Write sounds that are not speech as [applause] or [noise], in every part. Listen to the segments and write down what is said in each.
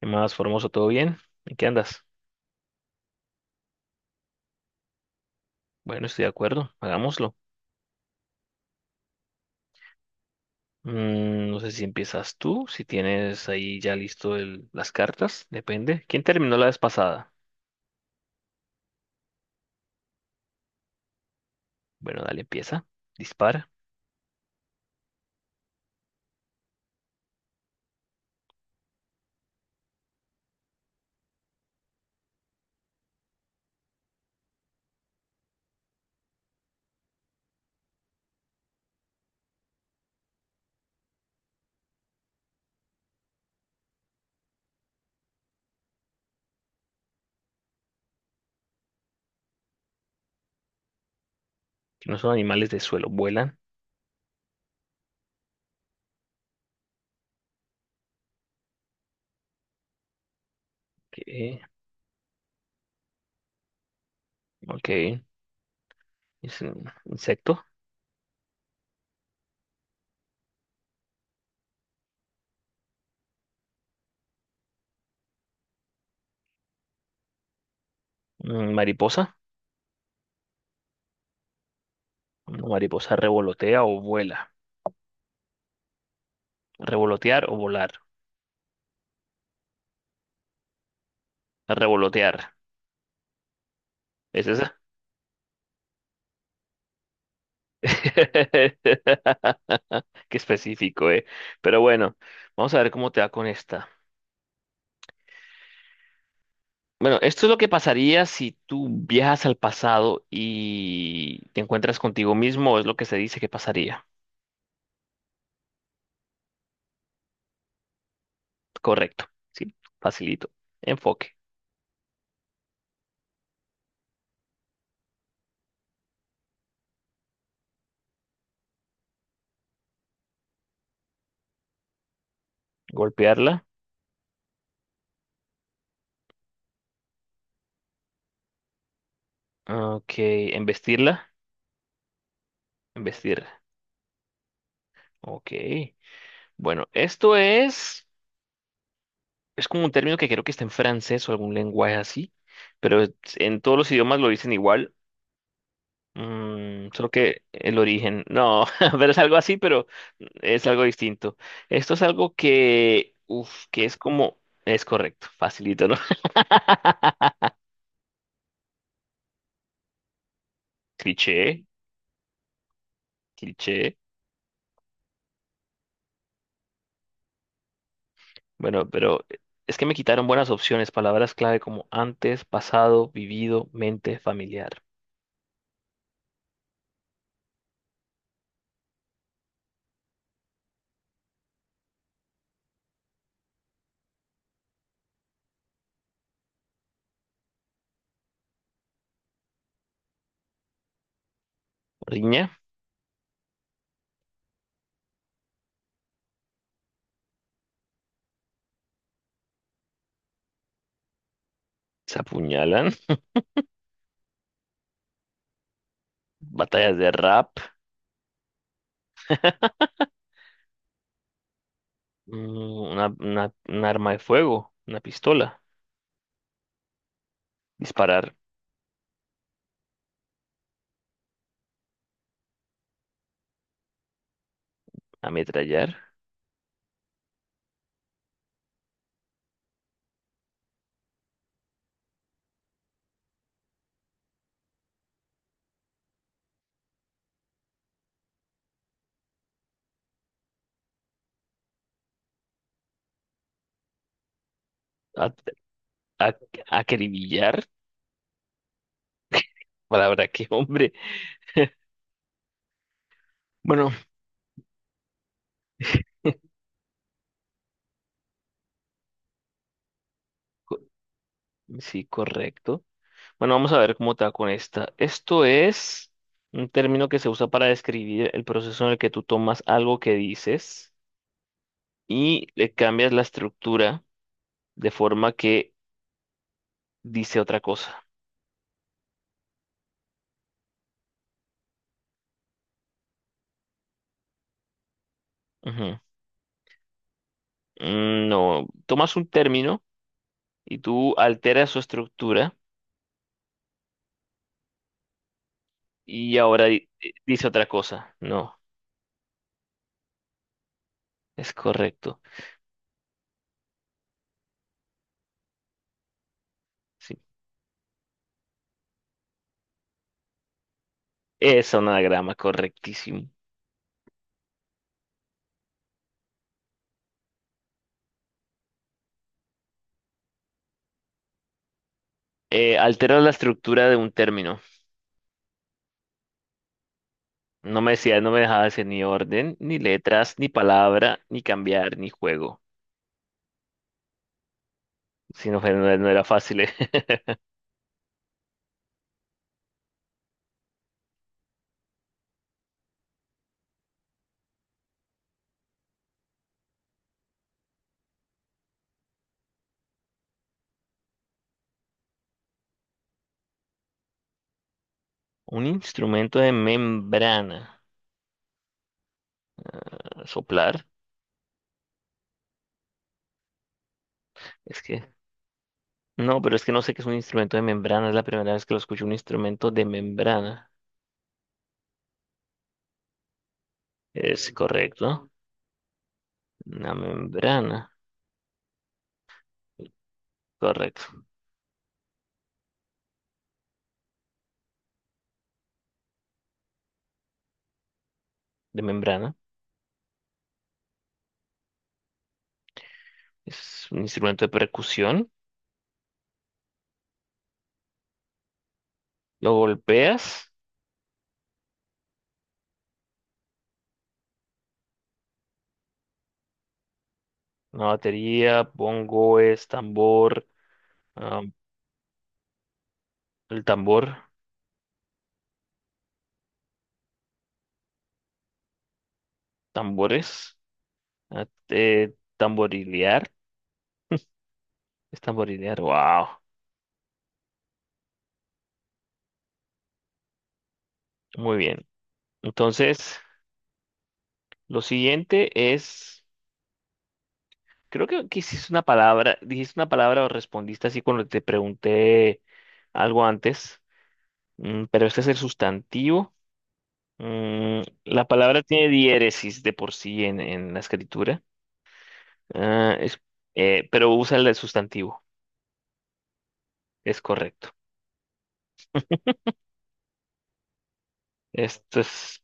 ¿Qué más, Formoso? ¿Todo bien? ¿En qué andas? Bueno, estoy de acuerdo, hagámoslo. No sé si empiezas tú, si tienes ahí ya listo las cartas, depende. ¿Quién terminó la vez pasada? Bueno, dale, empieza, dispara. Que no son animales de suelo, vuelan. ¿Qué? Ok, es un insecto. Mm, mariposa. Una mariposa revolotea o vuela. Revolotear o volar. Revolotear. ¿Es esa? [laughs] Qué específico, ¿eh? Pero bueno, vamos a ver cómo te va con esta. Bueno, esto es lo que pasaría si tú viajas al pasado y te encuentras contigo mismo, es lo que se dice que pasaría. Correcto, sí, facilito. Enfoque. Golpearla. Ok, embestirla. Embestirla. Ok. Bueno, es como un término que creo que está en francés o algún lenguaje así, pero en todos los idiomas lo dicen igual. Solo que el origen, no, [laughs] pero es algo así, pero es algo distinto. Esto es algo que, uf, que es como, es correcto, facilito, ¿no? [laughs] Cliché, cliché. Bueno, pero es que me quitaron buenas opciones, palabras clave como antes, pasado, vivido, mente, familiar. Riña, se apuñalan, [laughs] batallas de rap, [laughs] mm, un arma de fuego, una pistola, disparar, ametrallar, a, a, acribillar. Palabra que [laughs] hombre. Bueno, co- sí, correcto. Bueno, vamos a ver cómo te va con esta. Esto es un término que se usa para describir el proceso en el que tú tomas algo que dices y le cambias la estructura de forma que dice otra cosa. Ujú. No, tomas un término y tú alteras su estructura y ahora dice otra cosa. No, es correcto. Sí. Es un anagrama, correctísimo. Alteras la estructura de un término. No me decía, no me dejaba hacer ni orden, ni letras, ni palabra, ni cambiar, ni juego. Si no, no, era no era fácil, eh. [laughs] Un instrumento de membrana. Soplar. Es que. No, pero es que no sé qué es un instrumento de membrana. Es la primera vez que lo escucho, un instrumento de membrana. Es correcto. Una membrana. Correcto. De membrana. Es un instrumento de percusión. Lo golpeas. Una batería, bongo es tambor. Ah, el tambor. Tambores. Ah, tamborilear. Es tamborilear. Wow. Muy bien. Entonces, lo siguiente es… Creo que hiciste una palabra. Dijiste una palabra o respondiste así cuando te pregunté algo antes. Mm, pero este es el sustantivo. Mm, la palabra tiene diéresis de por sí en la escritura. Ah, es, pero usa el del sustantivo. Es correcto. Esto es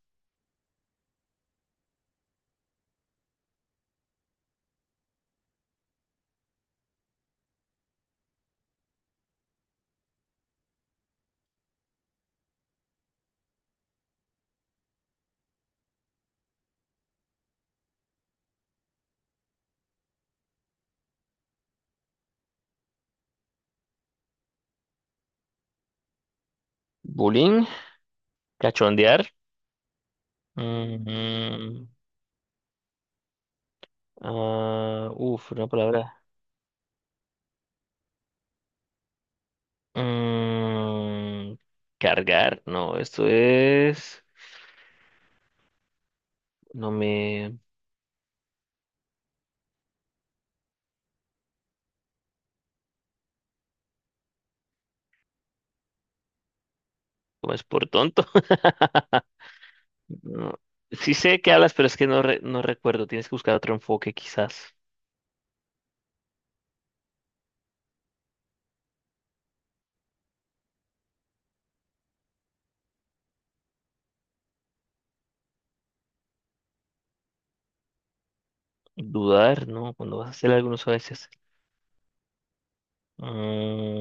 bullying. Cachondear. Mm, ah, uf, una palabra. Mm, cargar, no, esto es… No me tomes por tonto. [laughs] No, sí sé que hablas, pero es que no, no recuerdo. Tienes que buscar otro enfoque, quizás. Dudar, ¿no? Cuando vas a hacer algunos a veces. Mm,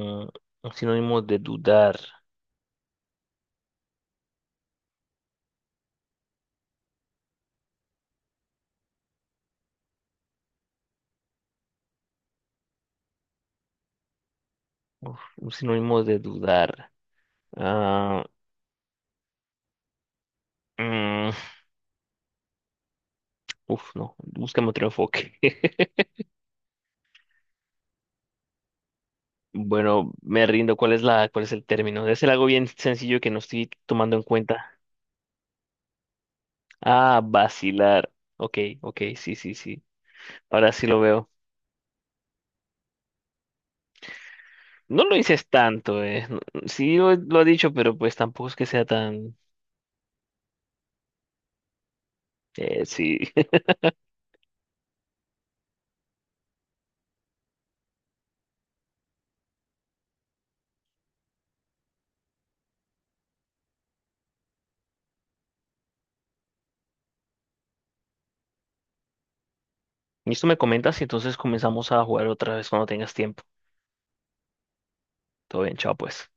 un sinónimo de dudar. Uf, un sinónimo de dudar. Ah, mm, uf, no. Búscame otro enfoque. [laughs] Bueno, me rindo. ¿Cuál es la, cuál es el término? Es algo bien sencillo que no estoy tomando en cuenta. Ah, vacilar. Ok, ok, sí, sí, sí. Ahora sí lo veo. No lo dices tanto, eh. Sí lo ha dicho, pero pues tampoco es que sea tan… sí. [laughs] Listo, me comentas y entonces comenzamos a jugar otra vez cuando tengas tiempo. Todo bien, chao pues.